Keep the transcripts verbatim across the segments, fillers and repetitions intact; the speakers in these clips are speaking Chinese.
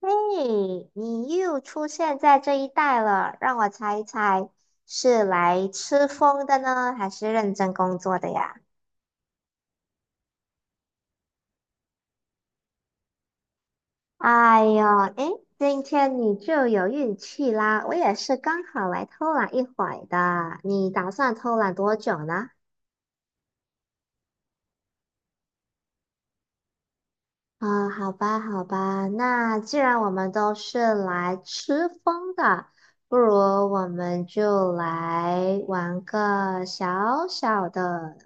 嘿，你又出现在这一带了，让我猜一猜，是来吃风的呢，还是认真工作的呀？哎呦，诶，今天你就有运气啦，我也是刚好来偷懒一会儿的。你打算偷懒多久呢？啊，好吧，好吧，那既然我们都是来吃风的，不如我们就来玩个小小的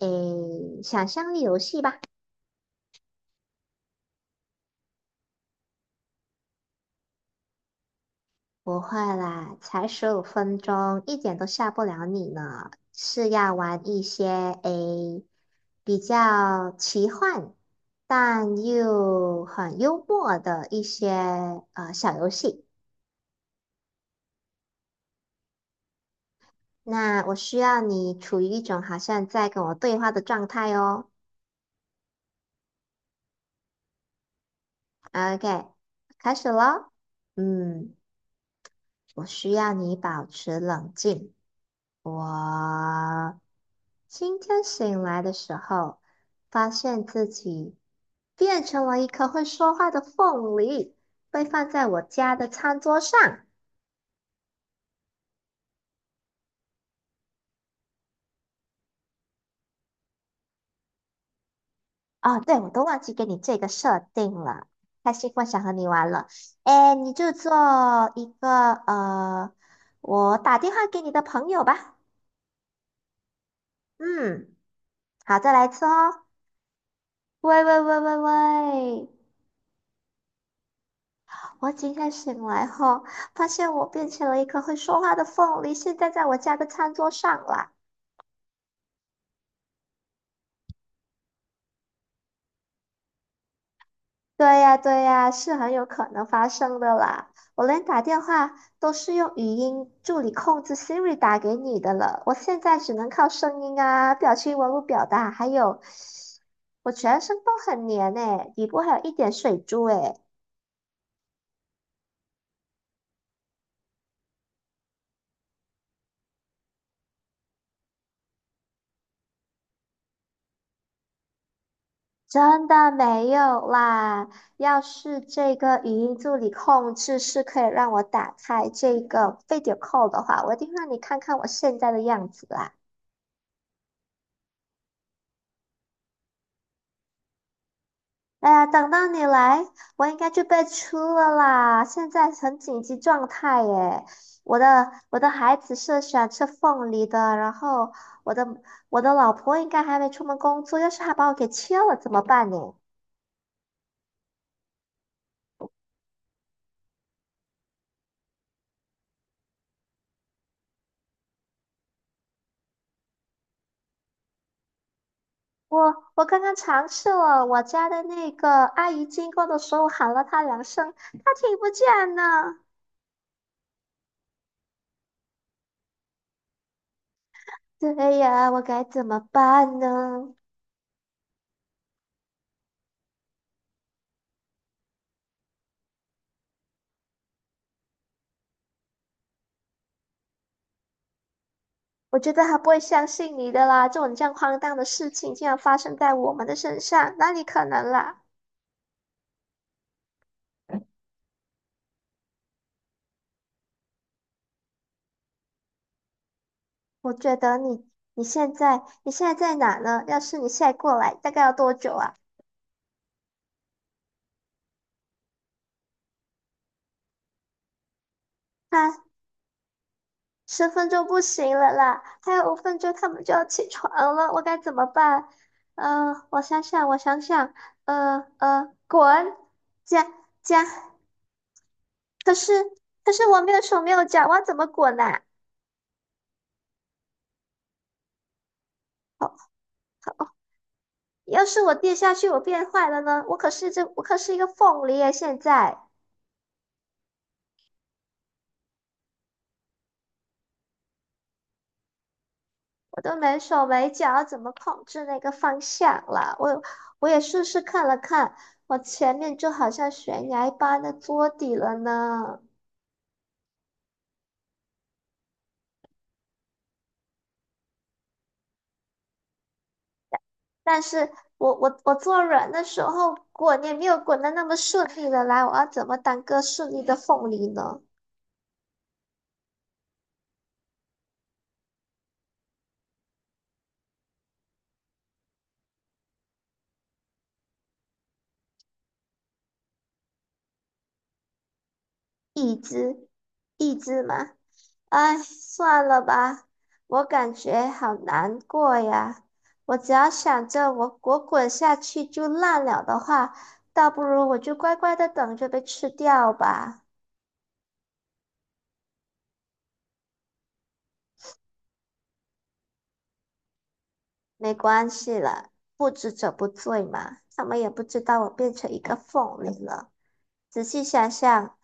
诶，想象力游戏吧。不会啦，才十五分钟，一点都吓不了你呢。是要玩一些诶比较奇幻，但又很幽默的一些呃小游戏。那我需要你处于一种好像在跟我对话的状态哦。OK，开始喽。嗯，我需要你保持冷静。我今天醒来的时候，发现自己变成了一颗会说话的凤梨，被放在我家的餐桌上。哦，对，我都忘记给你这个设定了。开心，奋，想和你玩了。哎，你就做一个呃，我打电话给你的朋友吧。嗯，好，再来一次哦。喂喂喂喂喂！我今天醒来后，发现我变成了一颗会说话的凤梨，现在在我家的餐桌上啦。对呀，对呀，是很有可能发生的啦。我连打电话都是用语音助理控制 Siri 打给你的了，我现在只能靠声音啊、表情文物表达，还有我全身都很黏诶，底部还有一点水珠诶，真的没有啦。要是这个语音助理控制是可以让我打开这个 video call 的话，我一定让你看看我现在的样子啦。哎呀，等到你来，我应该就被出了啦！现在很紧急状态耶，我的我的孩子是想吃凤梨的，然后我的我的老婆应该还没出门工作，要是她把我给切了怎么办呢？我我刚刚尝试了，我家的那个阿姨经过的时候喊了她两声，她听不见呢。对呀，我该怎么办呢？我觉得他不会相信你的啦，这种这样荒诞的事情竟然发生在我们的身上，哪里可能啦？我觉得你你现在你现在在哪呢？要是你现在过来，大概要多久啊？啊，十分钟不行了啦，还有五分钟他们就要起床了，我该怎么办？呃，我想想，我想想，呃呃，滚，加加，可是可是我没有手没有脚，我要怎么滚啊？要是我跌下去，我变坏了呢？我可是这，我可是一个凤梨耶！现在我都没手没脚，怎么控制那个方向了？我我也试试看了看，我前面就好像悬崖般的桌底了呢。但是我我我坐软的时候滚也没有滚的那么顺利了，来，我要怎么当个顺利的凤梨呢？一只，一只吗？哎，算了吧，我感觉好难过呀。我只要想着我我滚下去就烂了的话，倒不如我就乖乖的等着被吃掉吧。没关系了，不知者不罪嘛，他们也不知道我变成一个凤梨了。仔细想想，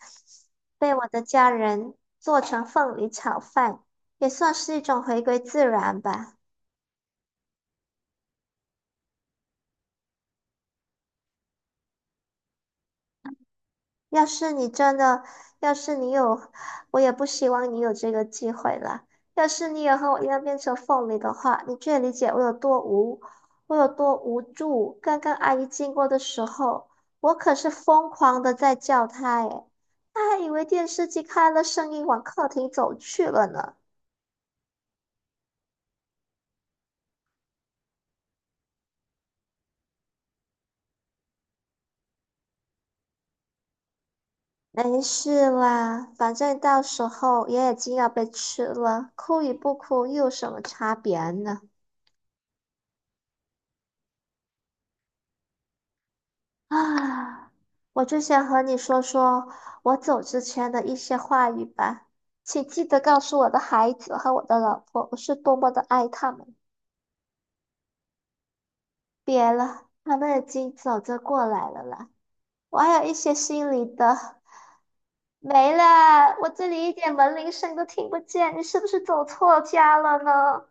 被我的家人做成凤梨炒饭，也算是一种回归自然吧。要是你真的，要是你有，我也不希望你有这个机会啦。要是你也和我一样变成凤梨的话，你就会理解我有多无，我有多无助。刚刚阿姨经过的时候，我可是疯狂的在叫她，诶，她还以为电视机开了声音往客厅走去了呢。没事啦，反正到时候也已经要被吃了，哭与不哭又有什么差别呢？啊。我就想和你说说我走之前的一些话语吧，请记得告诉我的孩子和我的老婆，我是多么的爱他们。别了，他们已经走着过来了啦，我还有一些心里的没了，我这里一点门铃声都听不见，你是不是走错家了呢？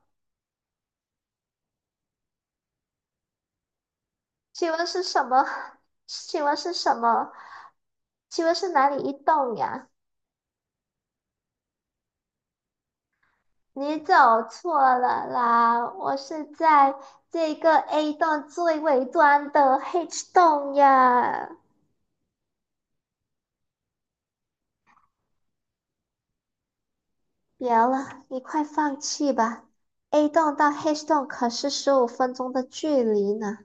请问是什么？请问是什么？请问是哪里一栋呀？你走错了啦，我是在这个 A 栋最尾端的 H 栋呀。别了，你快放弃吧，A 栋到 H 栋可是十五分钟的距离呢。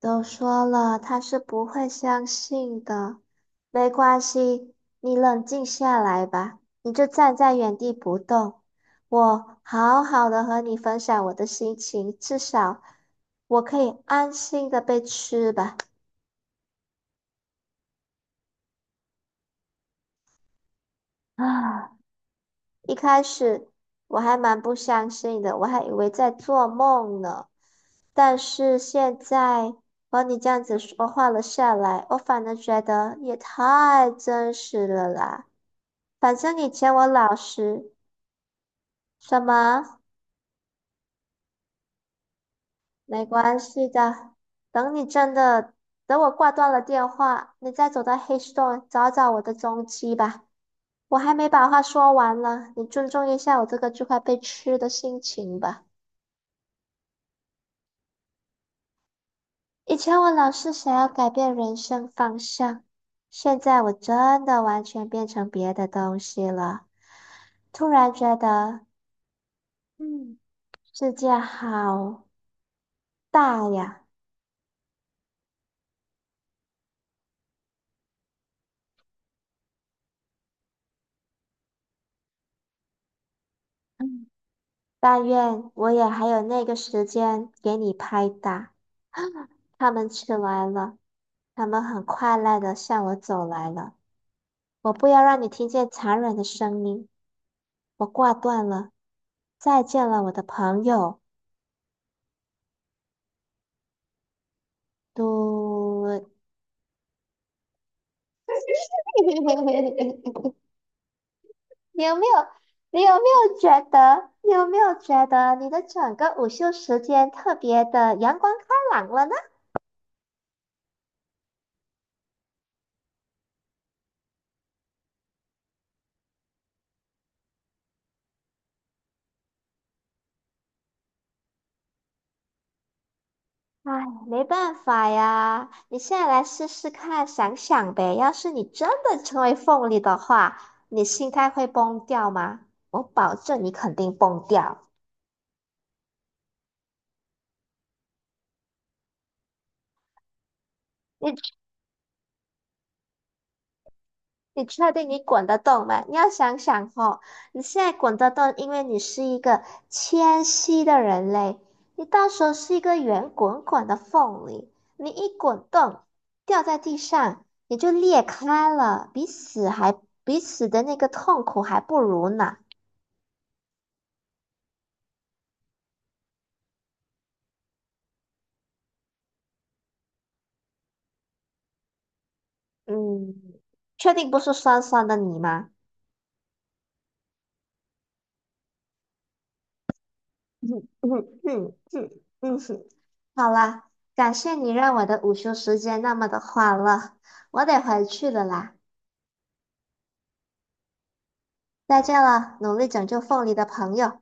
都说了，他是不会相信的。没关系，你冷静下来吧，你就站在原地不动。我好好的和你分享我的心情，至少我可以安心的被吃吧。啊，一开始我还蛮不相信的，我还以为在做梦呢。但是现在和你这样子说话了下来，我反而觉得也太真实了啦。反正以前我老实，什么没关系的。等你真的，等我挂断了电话，你再走到黑洞找找我的踪迹吧。我还没把话说完呢，你尊重一下我这个就快被吃的心情吧。以前我老是想要改变人生方向，现在我真的完全变成别的东西了。突然觉得，嗯，世界好大呀。嗯。但愿我也还有那个时间给你拍打。他们起来了，他们很快乐的向我走来了。我不要让你听见残忍的声音。我挂断了，再见了，我的朋友。嘟，你有没有？你有没有觉得？你有没有觉得你的整个午休时间特别的阳光开朗了呢？唉，没办法呀，你现在来试试看，想想呗。要是你真的成为凤梨的话，你心态会崩掉吗？我保证你肯定崩掉。你你确定你滚得动吗？你要想想哦，你现在滚得动，因为你是一个谦虚的人类，你到时候是一个圆滚滚的凤梨，你一滚动掉在地上，你就裂开了，比死还比死的那个痛苦还不如呢。嗯，确定不是酸酸的你吗？嗯嗯嗯嗯嗯，哼好啦，感谢你让我的午休时间那么的欢乐，我得回去了啦，再见了，努力拯救凤梨的朋友。